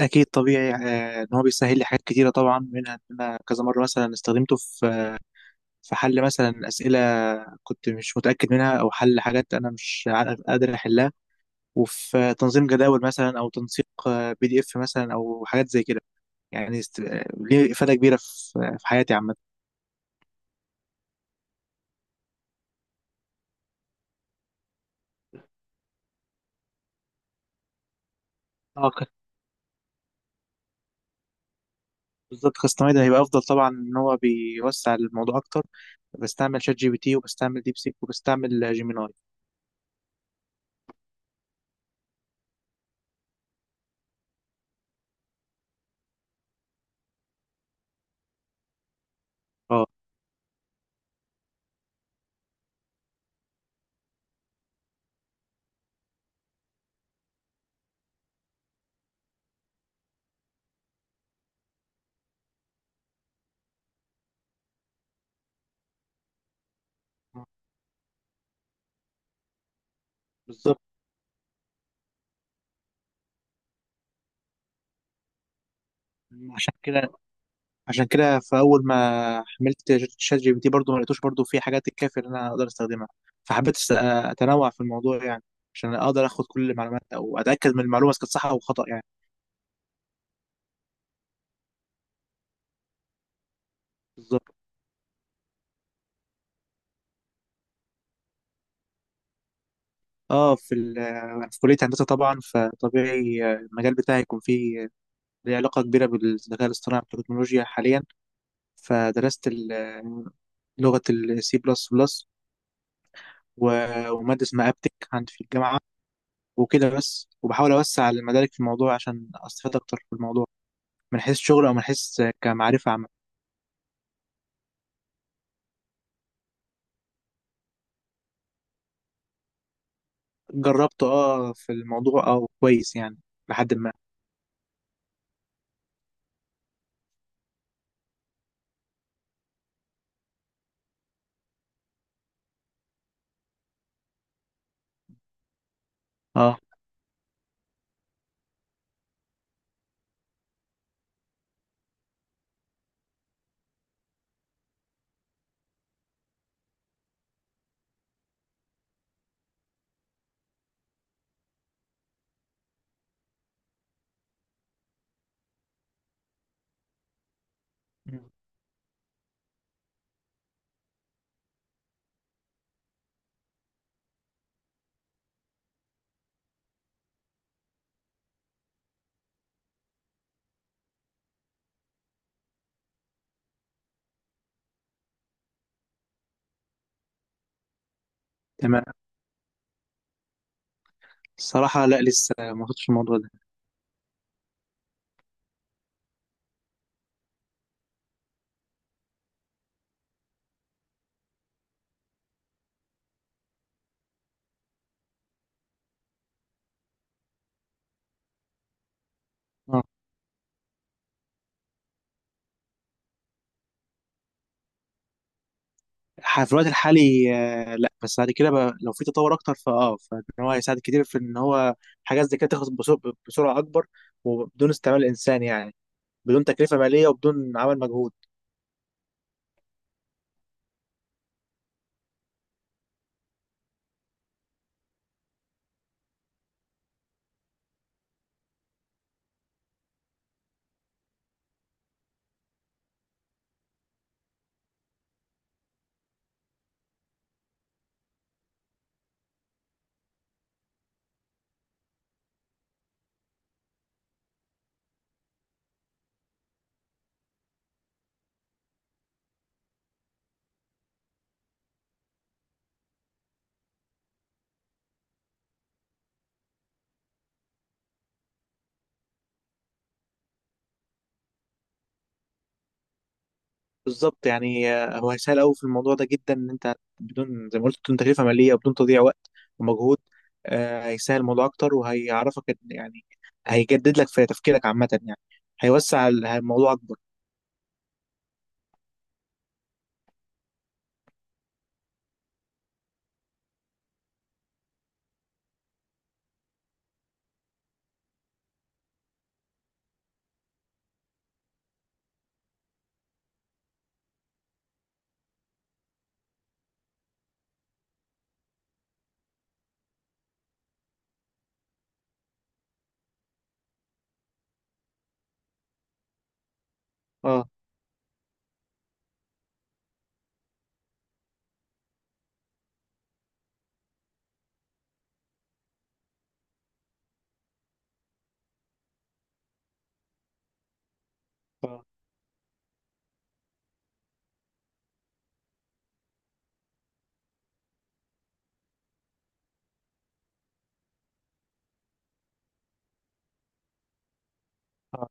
اكيد طبيعي، ان هو بيسهل لي حاجات كتيره طبعا، منها ان انا كذا مره مثلا استخدمته في حل مثلا اسئله كنت مش متاكد منها، او حل حاجات انا مش عارف- قادر احلها. وفي تنظيم جداول مثلا، او تنسيق PDF مثلا، او حاجات زي كده. يعني ليه افاده كبيره في حياتي عامه. اه، بالظبط، كاستمايد هيبقى افضل طبعا، ان هو بيوسع الموضوع اكتر. بستعمل شات جي بي تي، وبستعمل ديب سيك، وبستعمل جيميناي. اه، بالظبط. عشان كده عشان كده فاول ما حملت شات جي بي تي، برضه ما لقيتوش برضه فيه حاجات تكفي ان انا اقدر استخدمها. فحبيت اتنوع في الموضوع يعني، عشان اقدر اخد كل المعلومات، او اتاكد من المعلومه اذا كانت صح او خطا يعني. بالظبط. اه، في كليه هندسه طبعا، فطبيعي المجال بتاعي يكون فيه ليه علاقه كبيره بالذكاء الاصطناعي والتكنولوجيا حاليا. فدرست لغه السي بلس بلس، وماده اسمها ابتك عندي في الجامعه. وكده بس. وبحاول اوسع المدارك في الموضوع، عشان استفاد اكتر في الموضوع، من حيث شغل او من حيث كمعرفة عامة. جربت في الموضوع، كويس يعني، لحد ما. اه، مم. تمام. الصراحة لا، لسه ما وصلتش الموضوع ده. اه، في الوقت الحالي آه، لا بس بعد كده بقى، لو في تطور اكتر فان هو هيساعد كتير، في ان هو حاجات زي كده تخلص بسرعة، اكبر، وبدون استعمال الانسان يعني، بدون تكلفة مالية وبدون عمل مجهود. بالظبط يعني. هو هيسهل قوي في الموضوع ده جدا، ان انت بدون زي ما قلت، بدون تكلفه ماليه، وبدون تضييع وقت ومجهود. هيسهل الموضوع اكتر، وهيعرفك يعني هيجدد لك في تفكيرك عامه يعني. هيوسع الموضوع اكبر. اه، اه، اه،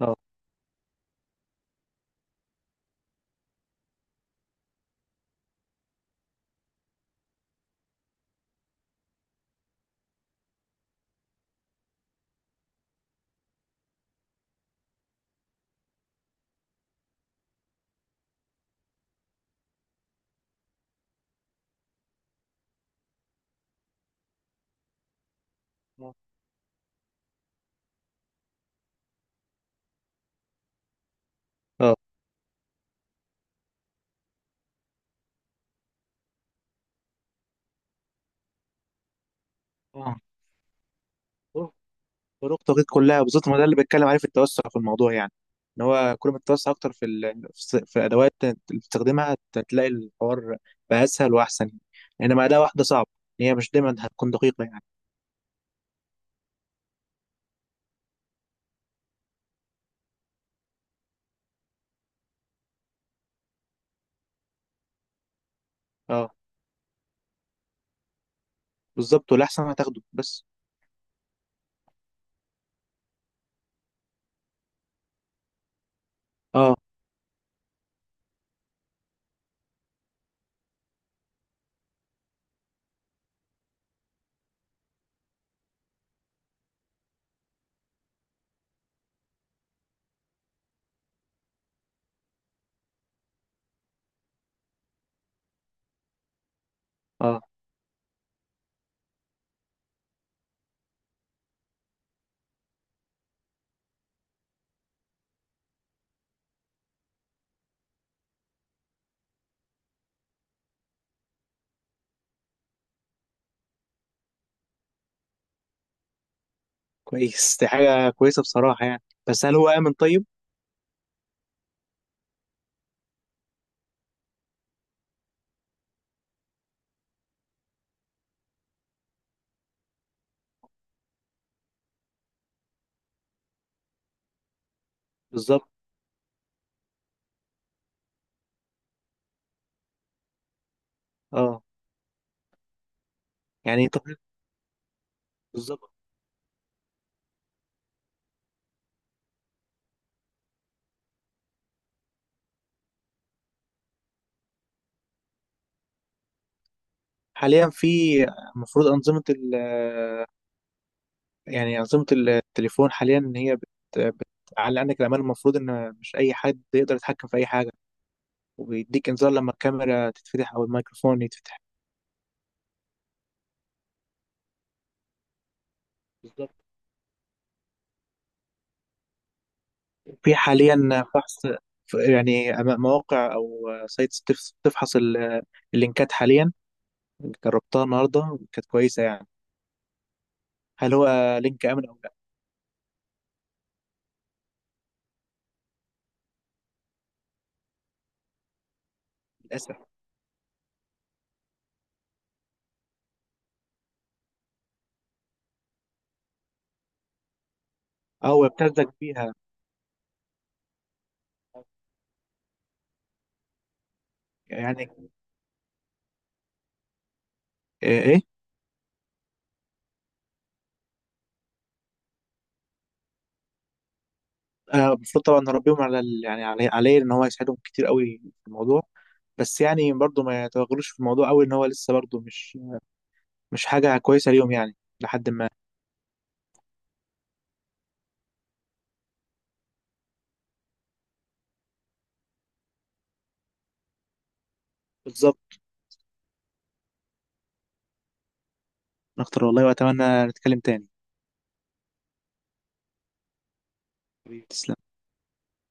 اه، اه. آه. طرق طرق التوقيت كلها، بالظبط. ما ده اللي بتكلم عليه، في التوسع في الموضوع يعني. ان هو كل ما تتوسع اكتر في ال... في الس- في الادوات اللي بتستخدمها، هتلاقي الحوار بقى اسهل واحسن يعني. انما اداه واحده صعب، هي مش دايما هتكون دقيقه يعني. اه، بالظبط. والأحسن هتاخده بس. اه، اه، كويس. دي حاجة كويسة بصراحة يعني. بس هل هو آمن طيب؟ بالظبط. اه، يعني طب. بالظبط. حاليا، في المفروض أنظمة ال يعني أنظمة التليفون حاليا، إن هي بتعلي عندك الأمان. المفروض إن مش أي حد يقدر يتحكم في أي حاجة، وبيديك إنذار لما الكاميرا تتفتح أو الميكروفون يتفتح. بالظبط. في حاليا فحص، يعني مواقع أو سايتس بتفحص اللينكات حاليا. جربتها النهارده كانت كويسه يعني، هل هو لينك امن او لا. للاسف. اه، هو ابتزك بيها. يعني ايه. المفروض طبعا نربيهم على يعني عليه، ان هو يساعدهم كتير قوي في الموضوع. بس يعني برضه ما يتوغلوش في الموضوع قوي، ان هو لسه برضه مش حاجه كويسه ليهم يعني، لحد ما. بالظبط. اكتر والله، واتمنى نتكلم تاني. تسلم.